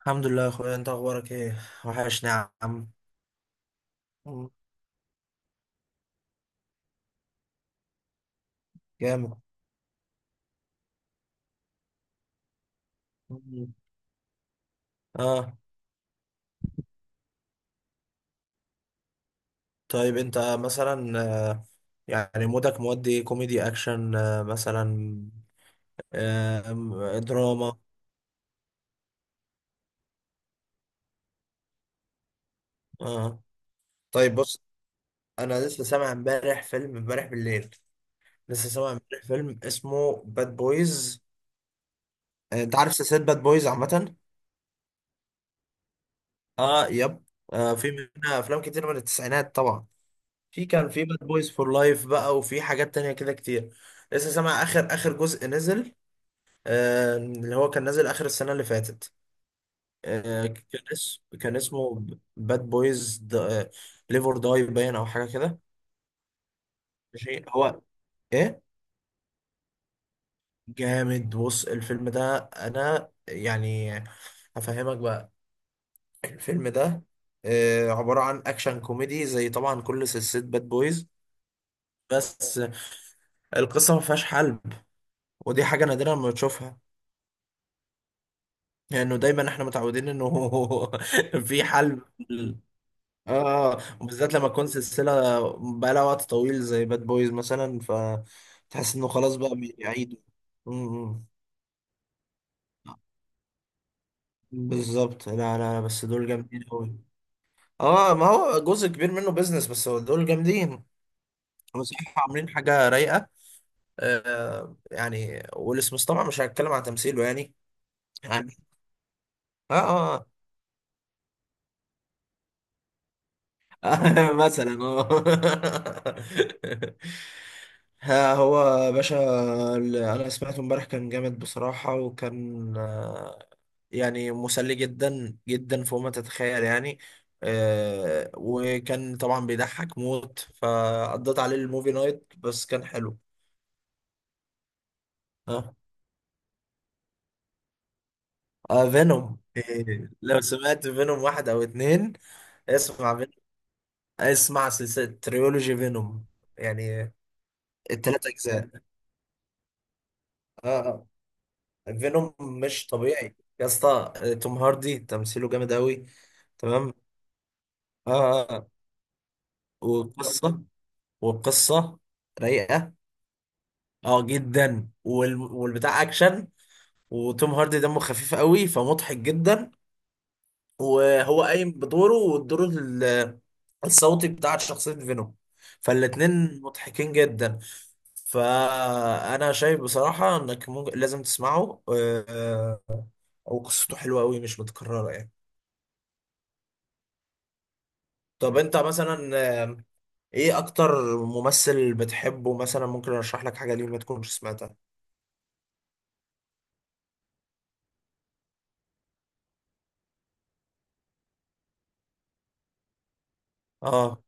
الحمد لله يا اخويا، انت اخبارك ايه؟ وحشني يا عم. مم. جامد. مم. اه، طيب انت مثلا آه، يعني مودك مودي إيه؟ كوميدي اكشن مثلا؟ دراما؟ اه، طيب بص. انا لسه سامع امبارح فيلم امبارح بالليل. لسه سامع امبارح فيلم اسمه باد بويز. انت عارف سلسلة باد بويز عامة؟ اه، يب. في منها افلام كتير من التسعينات طبعا. في كان في باد بويز فور لايف بقى، وفي حاجات تانية كده كتير. لسه سامع اخر اخر جزء نزل، اللي هو كان نازل اخر السنة اللي فاتت. كان اسمه باد بويز ليف اور داي باين او حاجة كده. ماشي هو. ايه. جامد. بص الفيلم ده انا يعني هفهمك بقى. الفيلم ده عبارة عن اكشن كوميدي، زي طبعا كل سلسلة باد بويز. بس القصة ما فيهاش حل، ودي حاجة نادرة لما تشوفها، لانه دايما احنا متعودين انه في حل. اه، وبالذات لما تكون سلسله بقالها وقت طويل زي باد بويز مثلا، فتحس انه خلاص بقى بيعيدوا. أمم. بالظبط. لا لا لا، بس دول جامدين قوي. اه، ما هو جزء كبير منه بيزنس، بس هو دول جامدين. بصراحه عاملين حاجه رايقه. يعني ويل سميث طبعا مش هتكلم عن تمثيله يعني. يعني اه، مثلا اه ها هو يا باشا. اللي انا سمعته امبارح كان جامد بصراحة، وكان يعني مسلي جدا جدا فوق ما تتخيل يعني. وكان طبعا بيضحك موت، فقضيت عليه الموفي نايت، بس كان حلو. اه، فينوم. إيه، لو سمعت فينوم واحد او اتنين؟ اسمع فينوم. اسمع سلسلة تريولوجي فينوم يعني ال3 اجزاء. اه فينوم مش طبيعي يا اسطى. توم هاردي تمثيله جامد قوي. تمام. اه اه والقصه والقصه رايقه. اه جدا، والبتاع اكشن. وتوم هاردي دمه خفيف قوي، فمضحك جدا. وهو قايم بدوره، والدور الصوتي بتاع شخصيه فينوم، فالاتنين مضحكين جدا. فانا شايف بصراحه انك ممكن لازم تسمعه، وقصته حلوه قوي مش متكرره يعني. طب انت مثلا ايه اكتر ممثل بتحبه مثلا؟ ممكن ارشح لك حاجه ليه ما تكونش سمعتها. اه،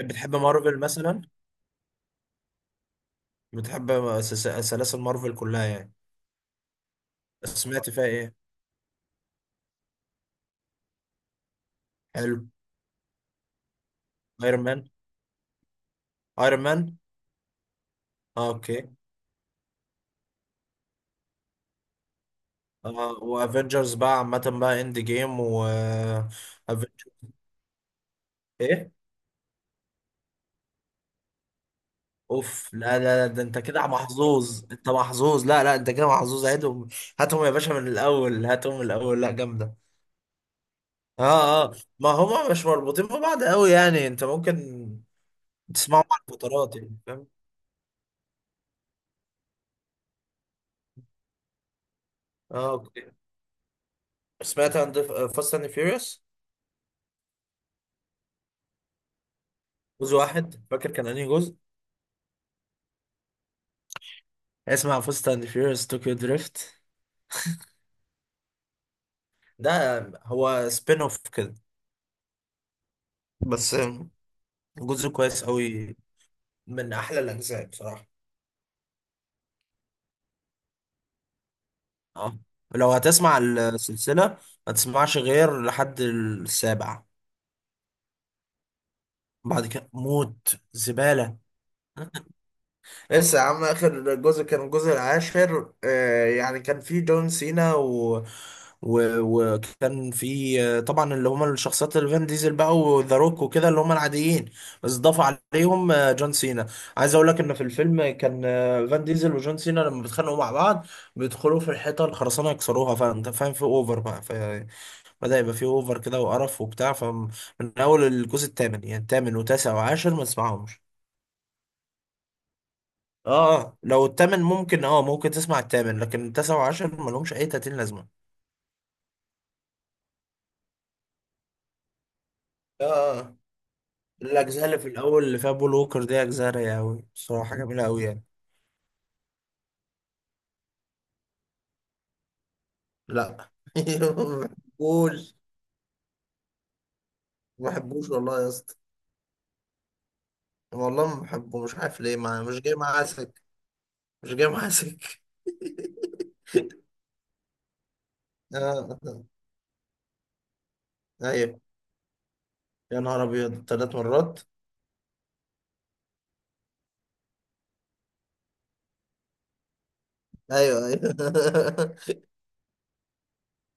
بتحب مارفل مثلا؟ بتحب سلاسل مارفل كلها يعني؟ سمعت فيها ايه؟ حلو. ايرون مان. ايرون مان. اه اوكي. وافنجرز بقى عامه بقى، اند جيم و Avengers، ايه؟ اوف لا لا لا، ده انت كده محظوظ. انت محظوظ. لا لا، انت كده محظوظ. هاتهم. هاتهم يا باشا من الاول. هاتهم من الاول. لا جامده. اه اه، ما هما مش مربوطين ببعض قوي يعني، انت ممكن تسمعهم على الفترات يعني فاهم. اه اوكي. سمعت عن فاست اند فيوريوس؟ جزء واحد فاكر كان انهي جزء؟ اسمع فاست اند فيوريوس طوكيو دريفت. ده هو سبين اوف كده بس، جزء كويس قوي، من احلى الاجزاء بصراحة. اه، لو هتسمع السلسلة ما تسمعش غير لحد السابع. بعد كده موت، زبالة. لسه يا عم، اخر جزء كان الجزء العاشر. آه يعني كان في جون سينا وكان في طبعا اللي هم الشخصيات، اللي فان ديزل بقى وذا روك وكده اللي هم العاديين، بس ضاف عليهم جون سينا. عايز اقول لك ان في الفيلم كان فان ديزل وجون سينا لما بيتخانقوا مع بعض، بيدخلوا في الحيطه الخرسانه يكسروها. فانت فاهم، في اوفر بقى. فبدا يبقى في اوفر كده وقرف وبتاع. فمن اول الجزء الثامن يعني، الثامن وتاسع وعاشر ما تسمعهمش. اه، لو التامن ممكن. اه ممكن تسمع التامن، لكن التاسع وعشر ملهمش اي تاتين لازمه. اه آه. الاجزاء اللي في الاول اللي فيها بول ووكر دي اجزاء رايقه قوي بصراحه، جميله قوي يعني. لا ما بحبوش. ما بحبوش والله يا اسطى. والله ما بحبه، مش عارف ليه، ما مش جاي معاه سكة. مش جاي معاه سكة. آه. ايوه، يا نهار ابيض 3 مرات. ايوه ايوه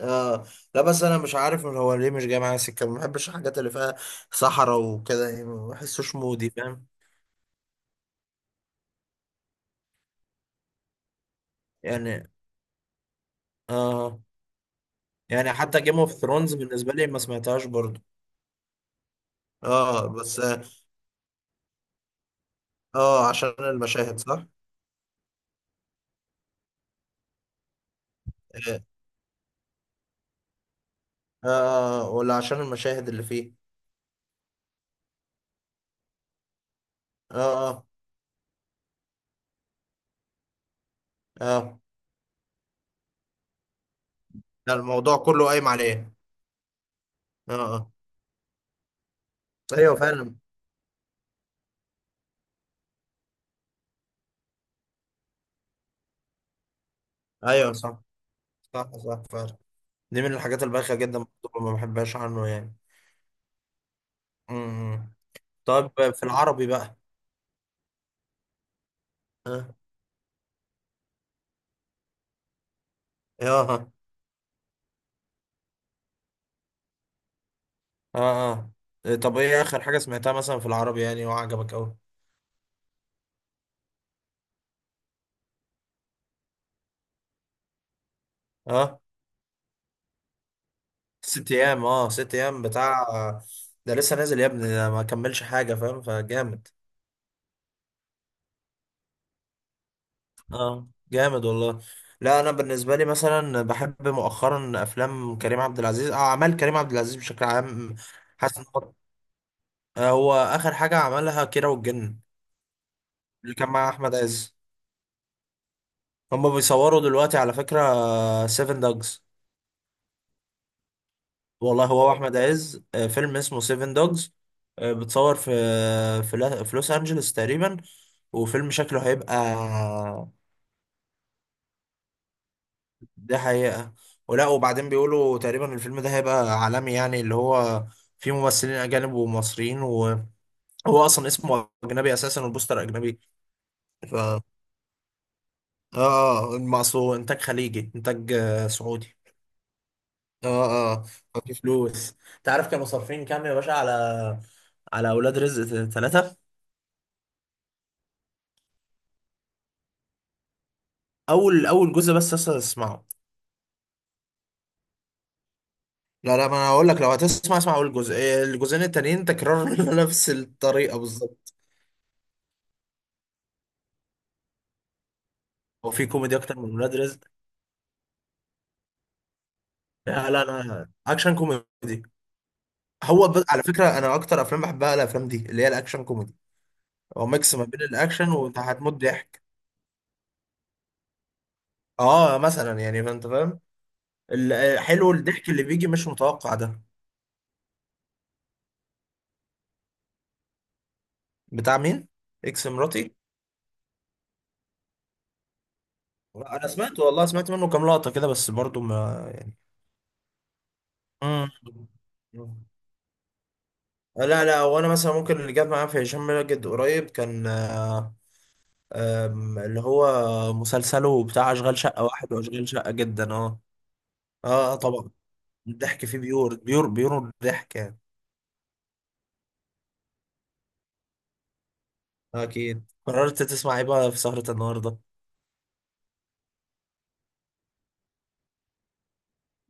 اه لا، بس انا مش عارف من هو ليه مش جاي معايا سكه. ما بحبش الحاجات اللي فيها صحراء وكده يعني، ما بحسوش مودي فاهم يعني. اه، يعني حتى جيم اوف ثرونز بالنسبه لي ما سمعتهاش برضو. اه بس اه، عشان المشاهد صح؟ اه ولا عشان المشاهد اللي فيه؟ اه اه اه لا، الموضوع كله قايم عليه. اه اه. ايوه فعلا. ايوه صح صح صح فعلا. دي من الحاجات البايخه جدا. برضو ما بحبهاش عنه يعني. امم طيب، في العربي بقى؟ اه اه اه، طب ايه اخر حاجة سمعتها مثلا في العربي يعني وعجبك اوي؟ اه ست ايام. اه ست ايام بتاع؟ ده لسه نازل يا ابني، ده ما كملش حاجة فاهم، فجامد. اه جامد والله. لا، انا بالنسبة لي مثلا بحب مؤخرا افلام كريم عبد العزيز، اعمال كريم عبد العزيز بشكل عام. حاسس إن هو هو اخر حاجة عملها كيرة والجن، اللي كان مع احمد عز. هما بيصوروا دلوقتي على فكرة سيفن دوجز. والله هو احمد عز فيلم اسمه سيفن دوجز. بتصور في في لوس انجلوس تقريبا. وفيلم شكله هيبقى. ده حقيقة. ولا وبعدين بيقولوا تقريبا الفيلم ده هيبقى عالمي يعني، اللي هو فيه ممثلين اجانب ومصريين، وهو اصلا اسمه اجنبي اساسا والبوستر اجنبي. ف اه، المقصود انتاج خليجي، انتاج سعودي. اه اه. في فلوس. تعرف كانوا صارفين كام يا باشا على اولاد رزق 3؟ اول اول جزء بس اصلا اسمعه. لا لا، ما انا هقول لك، لو هتسمع اسمع اول جزء. إيه، الجزئين التانيين تكرار نفس الطريقه بالظبط. هو في كوميدي اكتر من ولاد رزق؟ لا لا، انا اكشن كوميدي. هو على فكره انا اكتر افلام بحبها الافلام دي اللي هي الاكشن كوميدي. هو ميكس ما بين الاكشن وانت هتموت ضحك. اه مثلا يعني فانت فاهم، حلو الضحك اللي بيجي مش متوقع ده. بتاع مين؟ اكس مراتي؟ انا سمعت والله سمعت منه كام لقطه كده بس، برضو ما يعني. مم. لا لا، وانا مثلا ممكن اللي جاب معايا في هشام ماجد قريب كان، آه، آم، اللي هو مسلسله بتاع اشغال شقة واحد واشغال شقة جدا. اه. اه طبعا الضحك فيه بيور بيور بيور. الضحك يعني. اكيد قررت تسمع ايه بقى في سهرة النهاردة؟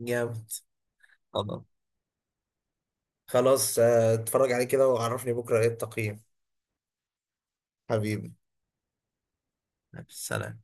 جامد. خلاص اتفرج عليه كده وعرفني بكرة ايه التقييم. حبيبي. سلام.